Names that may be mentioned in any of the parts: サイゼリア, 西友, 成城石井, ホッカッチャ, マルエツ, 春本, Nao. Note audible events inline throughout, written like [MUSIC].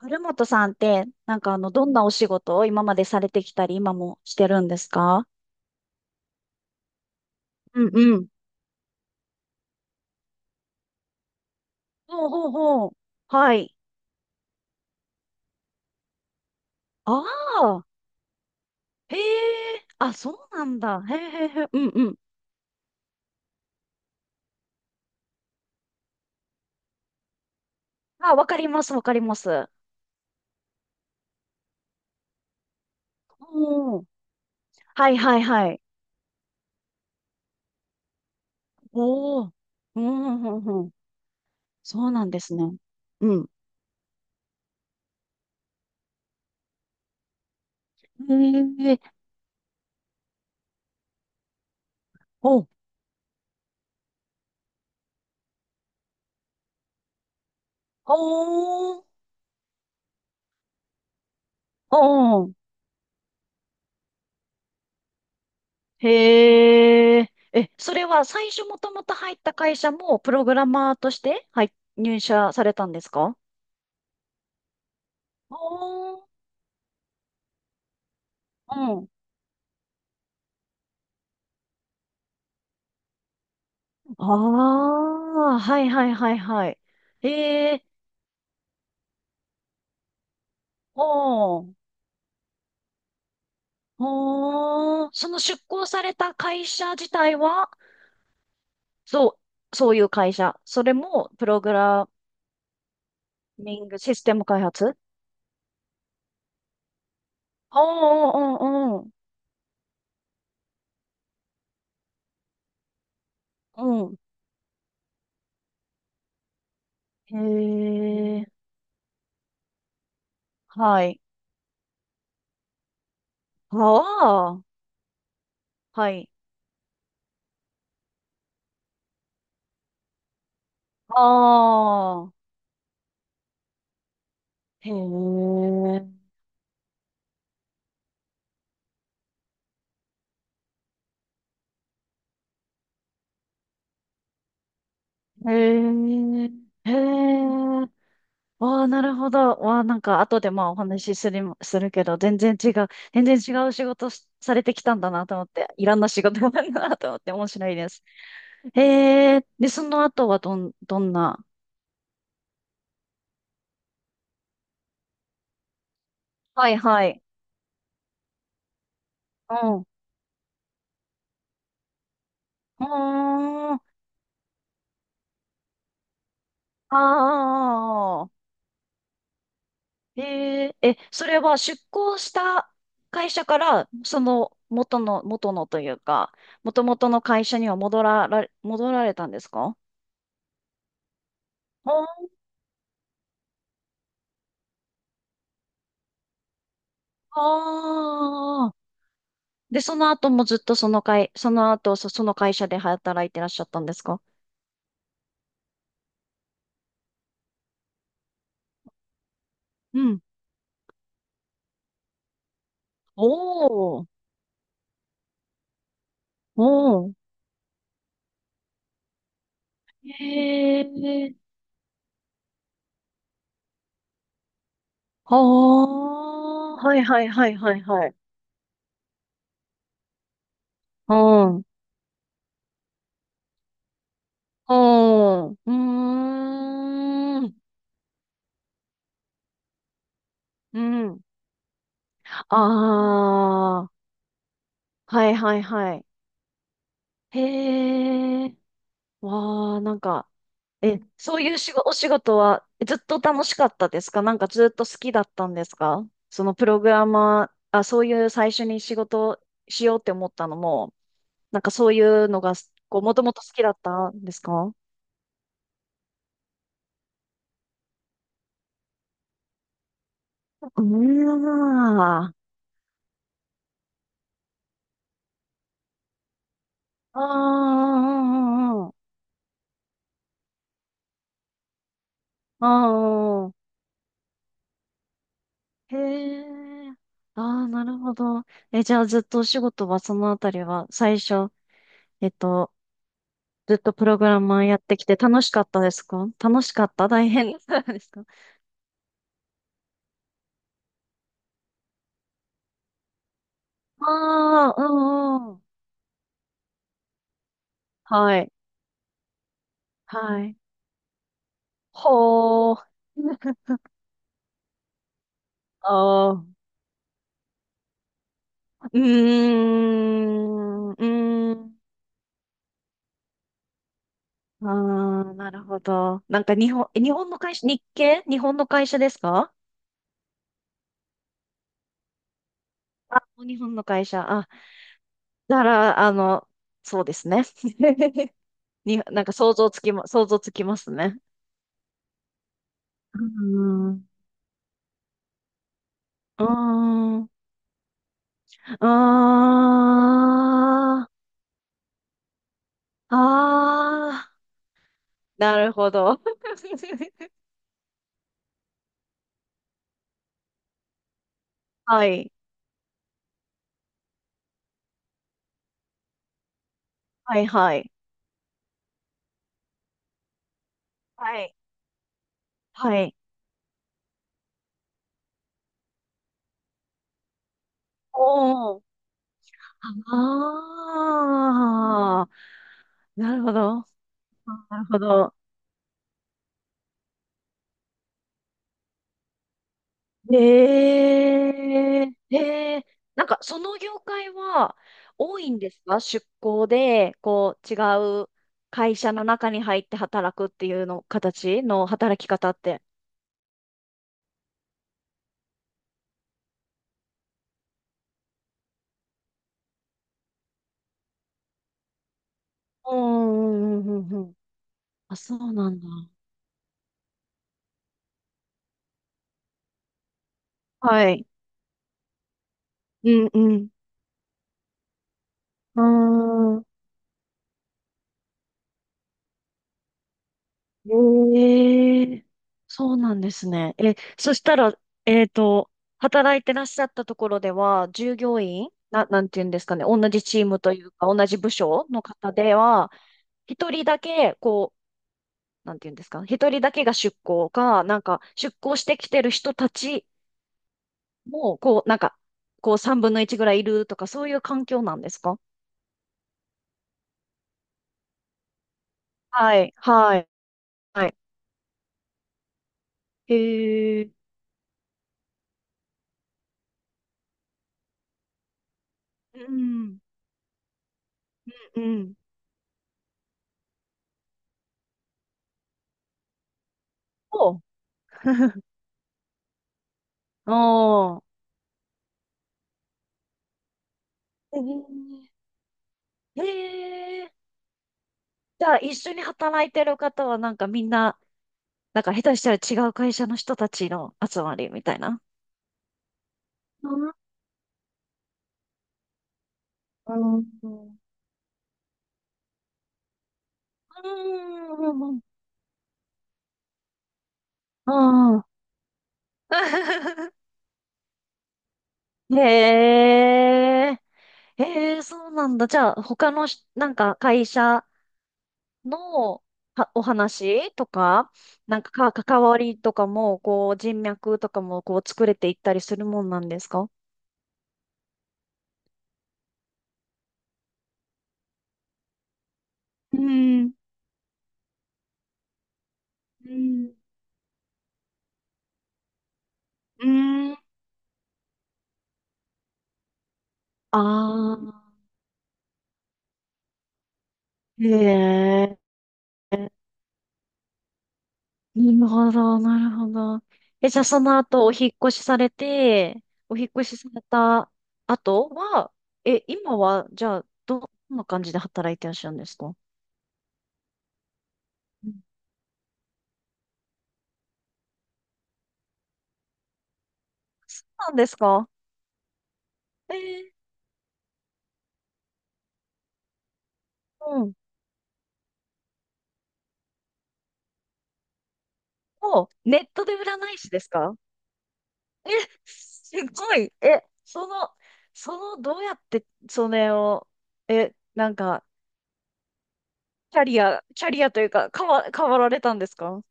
春本さんって、なんかどんなお仕事を今までされてきたり、今もしてるんですか？うんうん。ほうほうほう。はい。ああ、へえ、あ、そうなんだ。へえへえへえ。うんうん。あ、わかります、わかります。おお、はいはいはい。おお、うん、うん、うん。うん、そうなんですね。うん。へえ、お、おお、おお。へえ。え、それは最初もともと入った会社もプログラマーとして入社されたんですか？おー、うん。ああ、はいはいはいはい。ええ、おー、おー、その出向された会社自体は、そう、そういう会社。それもプログラミングシステム開発。おー、おんおー。うん。へえ、はい。ああ、はい。ああ、へえ、へえ、へえ、わあ、なるほど。わあ、なんか、後でまあお話しするけど、全然違う、全然違う仕事しされてきたんだなと思って、いろんな仕事があるなと思って、面白いです。へえ、で、その後はどんな。はいはい。うん。うーん。ああ、へえ、え、それは出向した会社から、その、元のというか、元々の会社には戻られたんですか？ああー。で、その後もずっとその会、その後、その会社で働いてらっしゃったんですか？うん。おお、おお。へえ、はあ、はいはいはいはいはい。うん、うん、うーん、うん。ああ。はいはいはい。へえ、わあ、なんか、え、そういう仕事、お仕事はずっと楽しかったですか？なんかずっと好きだったんですか？そのプログラマー、あ、そういう最初に仕事しようって思ったのも、なんかそういうのが、こう、もともと好きだったんですか？うーん。ああ、うんうんうん。ああ、へえ。ああ、なるほど。え、じゃあずっとお仕事はそのあたりは最初、えっと、ずっとプログラマーやってきて楽しかったですか？楽しかった？大変だったですか？ああー、うんうん。はい。はい。ほー。ああ、うーん、うーん。ああ、なるほど。なんか日本の会社、日系日本の会社ですか？あ、日本の会社。あ、だから、そうですね。[LAUGHS] なんか想像つきますね。うーん。うーん。ああ、ああ、なるほど。[LAUGHS] はい、はい、はい、はい。はい。おお、ああ、なるほど、なるほど。ええ、ええ、なんかその業界は多いんですか？出向で、こう、違う会社の中に入って働くっていうの、形の働き方って。うん、うん、うん、うん。うん。あ、そうなんだ。はい。うんうん。あーん、ええ、そうなんですね。え、そしたら、えっと、働いてらっしゃったところでは、従業員、なんていうんですかね、同じチームというか、同じ部署の方では、一人だけ、こう、なんていうんですか、一人だけが出向か、なんか、出向してきてる人たちも、こう、なんか、こう、三分の一ぐらいいるとか、そういう環境なんですか？はい、はい、はい。へえ、うん、うん。おう。 [LAUGHS] おーえーへえ。じゃあ、一緒に働いてる方は、なんかみんな、なんか下手したら違う会社の人たちの集まりみたいな。うんうんうん。うん。[LAUGHS] へえ。へえ、そうなんだ。じゃあ、他のし、なんか会社のはお話とか、なんか関わりとかも、こう、人脈とかも、こう、作れていったりするもんなんですか？うん、うん、うん。ああ、へえ。なるほど、なるほど。え、じゃあその後お引っ越しされて、お引っ越しされた後は、え、今は、じゃあ、どんな感じで働いてらっしゃるんですか？うん。そうなんですか？えー、うん。もう、ネットで占い師ですか？え、すごい。え、その、どうやって、それを、え、なんか、キャリアというか、変わられたんですか？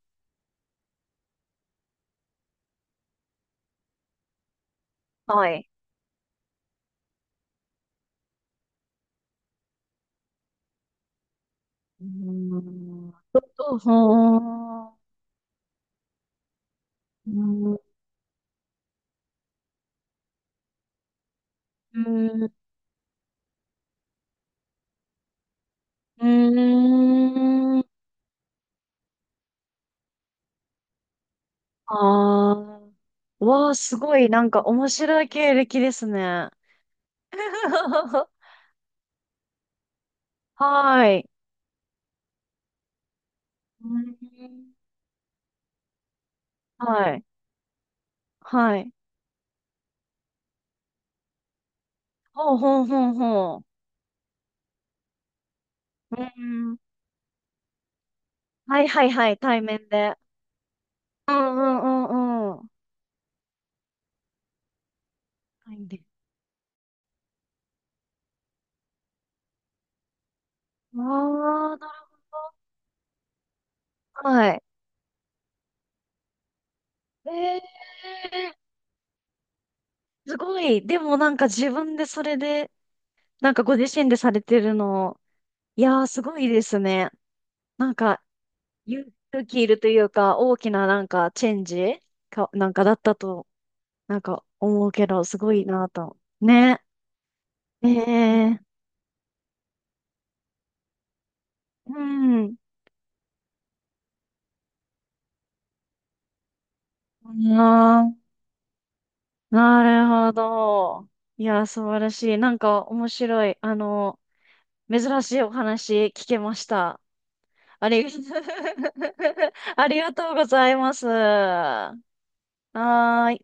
はい。うーん。どどうはあ。うーん。うーん。ああ。わあ、すごい、なんか面白い経歴ですね。[LAUGHS] はーい。うーん。はい。はい。ほうほうほうほう。うーん。はいはいはい、対面で。うんうんうんうん。対面で。わあ、なるほど。はい。ええ、すごい。でもなんか自分でそれで、なんかご自身でされてるの、いやーすごいですね。なんか勇気いるというか、大きななんかチェンジか、なんかだったと、なんか思うけど、すごいなと。ね。ええ。うん。なあ、なるほど。いやー素晴らしい。なんか面白い。あの、珍しいお話聞けました。ありが、[LAUGHS] ありがとうございます。はーい。